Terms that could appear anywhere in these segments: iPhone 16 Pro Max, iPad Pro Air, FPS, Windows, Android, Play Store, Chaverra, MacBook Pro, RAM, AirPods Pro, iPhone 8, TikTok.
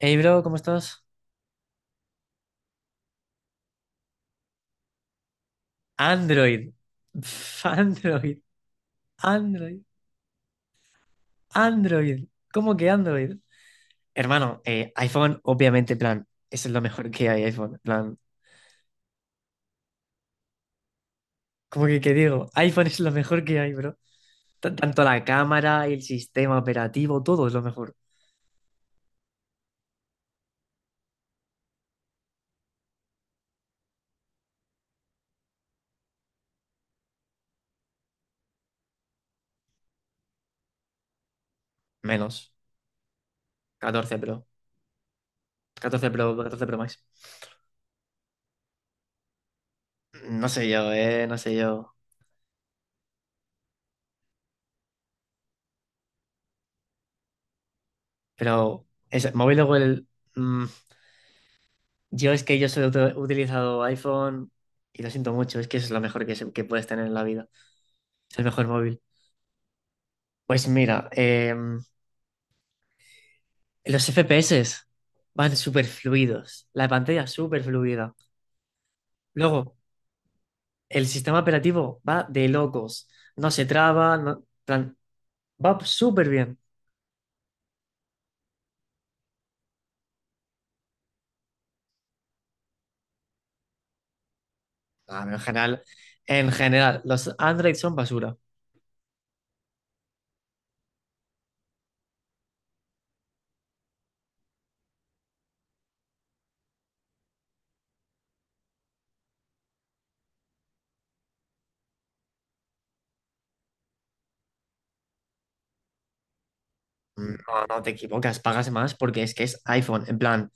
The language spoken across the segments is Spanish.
Hey bro, ¿cómo estás? Android. Pf, Android. Android. Android. ¿Cómo que Android? Hermano, iPhone, obviamente, en plan, eso es lo mejor que hay, iPhone. En plan, ¿cómo que qué digo? iPhone es lo mejor que hay, bro. Tanto la cámara, el sistema operativo, todo es lo mejor. Menos 14 Pro. 14 Pro, 14 Pro Max. No sé yo, no sé yo. Pero, es, me voy luego el. Yo es que yo solo he utilizado iPhone y lo siento mucho, es que es lo mejor que puedes tener en la vida. Es el mejor móvil. Pues mira, los FPS van súper fluidos, la pantalla súper fluida. Luego, el sistema operativo va de locos, no se traba, plan, va súper bien. Ah, pero en general, los Android son basura. No, no te equivocas, pagas más porque es que es iPhone. En plan,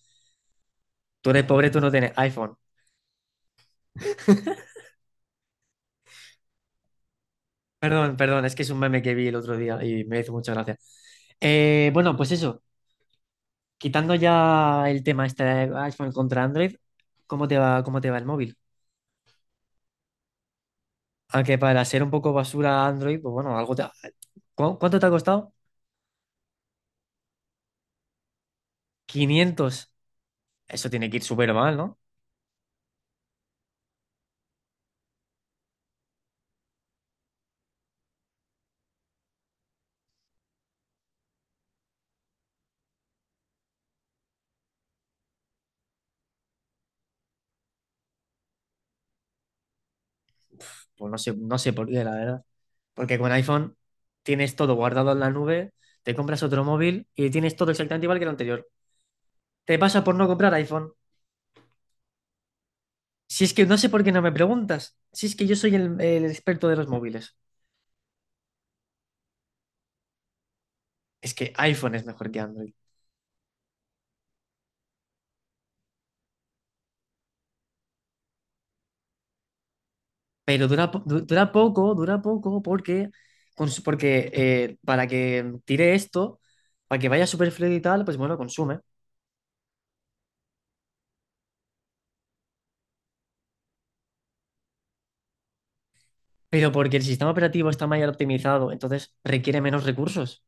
tú eres pobre, tú no tienes iPhone. Perdón, perdón, es que es un meme que vi el otro día y me hizo mucha gracia. Bueno, pues eso, quitando ya el tema este de iPhone contra Android, cómo te va el móvil? Aunque para ser un poco basura Android, pues bueno, algo te... ¿Cuánto te ha costado? 500. Eso tiene que ir súper mal, ¿no? Pues no sé, no sé por qué, la verdad. Porque con iPhone tienes todo guardado en la nube, te compras otro móvil y tienes todo exactamente igual que el anterior. Te pasa por no comprar iPhone. Si es que no sé por qué no me preguntas. Si es que yo soy el experto de los móviles. Es que iPhone es mejor que Android. Pero dura, dura poco, porque, porque para que tire esto, para que vaya super fluido y tal, pues bueno, consume. Pero porque el sistema operativo está mayor optimizado, entonces requiere menos recursos.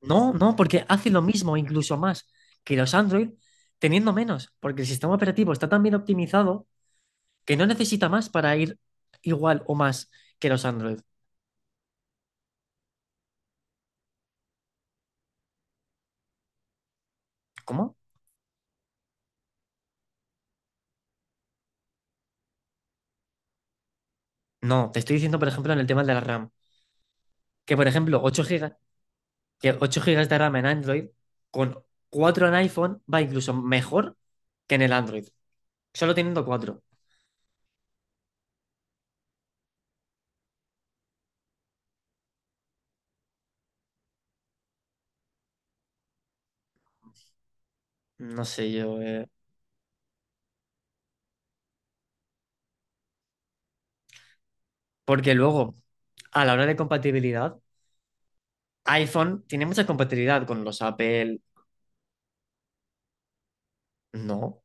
No, no, porque hace lo mismo, incluso más, que los Android, teniendo menos, porque el sistema operativo está tan bien optimizado que no necesita más para ir igual o más que los Android. ¿Cómo? No, te estoy diciendo, por ejemplo, en el tema de la RAM. Que, por ejemplo, 8 gigas, que 8 gigas de RAM en Android con 4 en iPhone va incluso mejor que en el Android. Solo teniendo cuatro. No sé yo. Porque luego, a la hora de compatibilidad, iPhone tiene mucha compatibilidad con los Apple. No.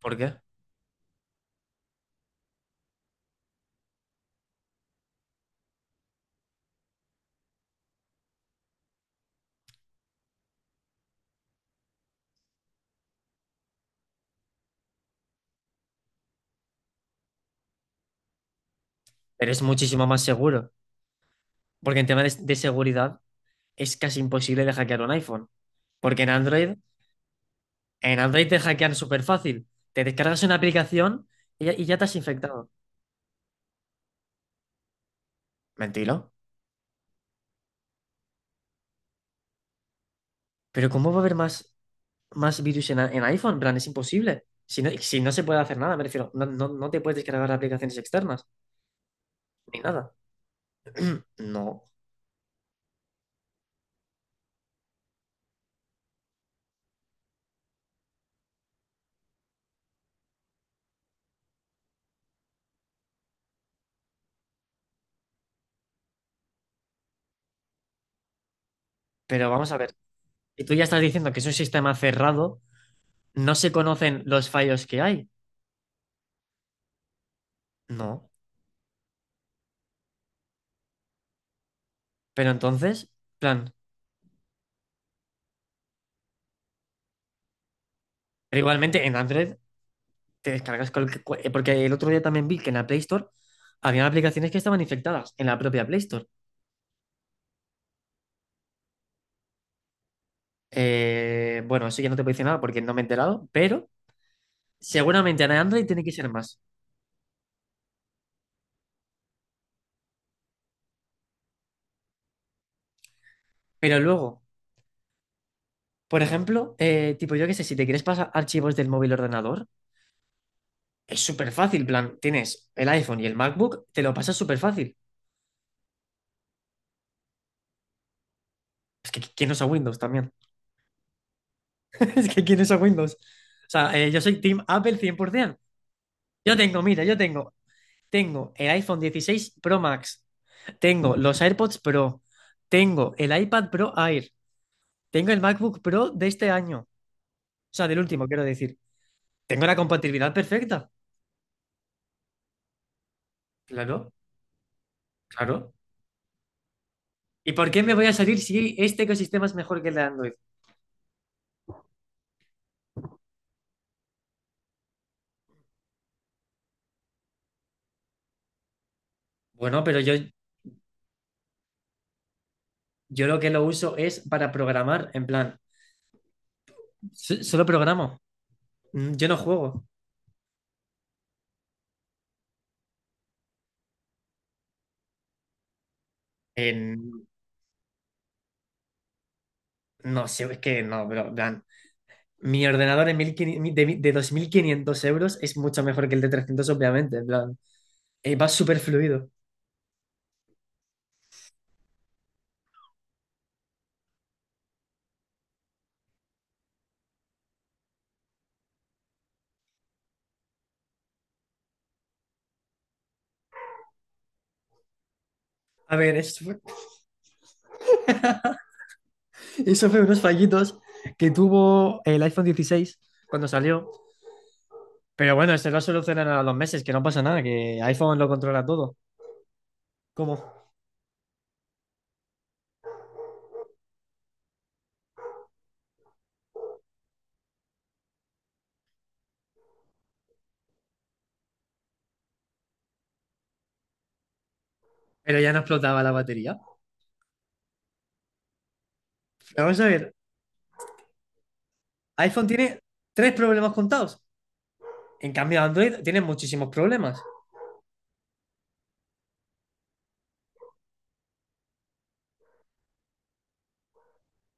¿Por qué? Pero es muchísimo más seguro. Porque en tema de seguridad es casi imposible de hackear un iPhone. Porque en Android. En Android te hackean súper fácil. Te descargas una aplicación y ya te has infectado. Mentira. Pero ¿cómo va a haber más, más virus en iPhone? En plan, es imposible. Si no, si no se puede hacer nada, me refiero, no, no, no te puedes descargar aplicaciones externas, ni nada. No. Pero vamos a ver. Y tú ya estás diciendo que es un sistema cerrado, no se conocen los fallos que hay. No. Pero entonces, plan, pero igualmente en Android te descargas porque el otro día también vi que en la Play Store había aplicaciones que estaban infectadas en la propia Play Store. Bueno, eso ya no te puedo decir nada porque no me he enterado, pero seguramente en Android tiene que ser más. Pero luego, por ejemplo, tipo yo qué sé, si te quieres pasar archivos del móvil al ordenador, es súper fácil, plan, tienes el iPhone y el MacBook, te lo pasas súper fácil. Es que ¿quién usa Windows también? Es que ¿quién usa Windows? O sea, yo soy Team Apple 100%. Yo tengo, mira, tengo el iPhone 16 Pro Max. Tengo los AirPods Pro, tengo el iPad Pro Air, tengo el MacBook Pro de este año, o sea, del último, quiero decir. Tengo la compatibilidad perfecta. Claro, claro. ¿Y por qué me voy a salir si este ecosistema es mejor que el de Android? Bueno, pero yo lo que lo uso es para programar, en plan, solo programo. Mm, yo no juego. En- no sé, es que no, bro, en plan, mi ordenador en 1500 de, de 2.500 euros es mucho mejor que el de 300 obviamente, en plan, va súper fluido. A ver, eso fue unos fallitos que tuvo el iPhone 16 cuando salió. Pero bueno, esto lo solucionan a los meses, que no pasa nada, que iPhone lo controla todo. ¿Cómo? Pero ya no explotaba la batería. Pero vamos a ver, iPhone tiene tres problemas contados. En cambio, Android tiene muchísimos problemas.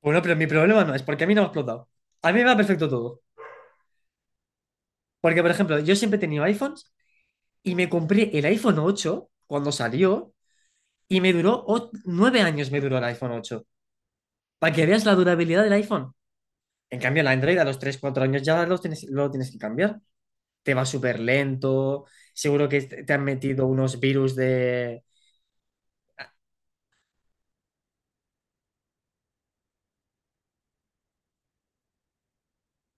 Bueno, pero mi problema no es porque a mí no me ha explotado. A mí me va perfecto todo. Porque, por ejemplo, yo siempre he tenido iPhones y me compré el iPhone 8 cuando salió y me duró 9 años me duró el iPhone 8. Para que veas la durabilidad del iPhone. En cambio, el Android a los 3 o 4 años ya los tienes, lo tienes que cambiar. Te va súper lento. Seguro que te han metido unos virus de.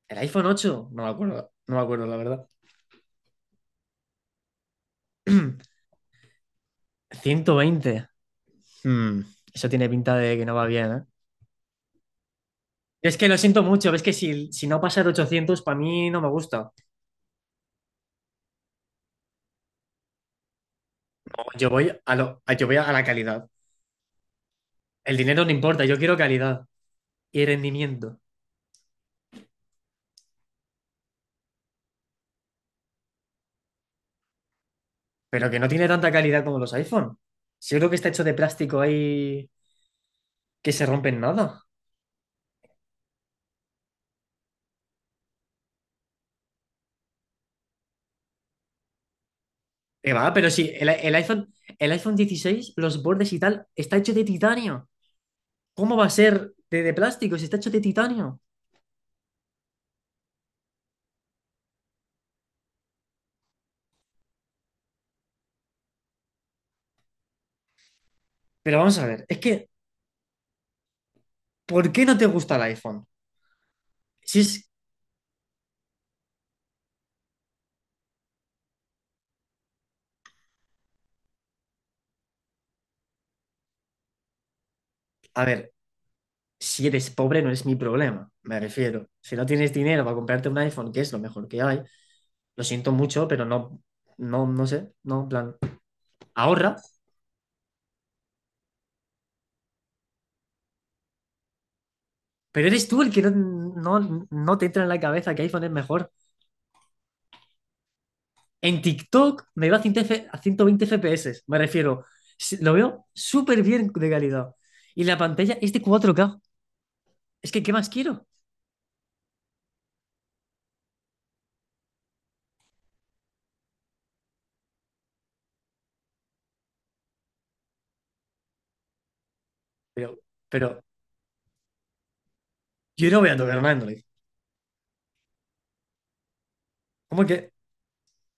¿El iPhone ocho? No me acuerdo. No me acuerdo, la verdad. 120. Hmm, Eso tiene pinta de que no va bien, ¿eh? Es que lo siento mucho. Ves que si, si no pasa de 800, para mí no me gusta. Yo voy a la calidad. El dinero no importa. Yo quiero calidad y rendimiento. Pero que no tiene tanta calidad como los iPhone. Si yo creo que está hecho de plástico ahí que se rompe en nada. Que va, pero si el iPhone 16, los bordes y tal, está hecho de titanio. ¿Cómo va a ser de plástico si está hecho de titanio? Pero vamos a ver, es que, ¿por qué no te gusta el iPhone? Si es, a ver, si eres pobre no es mi problema, me refiero. Si no tienes dinero para comprarte un iPhone, que es lo mejor que hay, lo siento mucho, pero no, no, no sé, no, en plan, ahorra. Pero eres tú el que no te entra en la cabeza que iPhone es mejor. En TikTok me va a 100 a 120 FPS, me refiero. Lo veo súper bien de calidad. Y la pantalla es de 4K. Es que, ¿qué más quiero? Pero, pero yo no voy a tocar un Android. ¿Cómo que?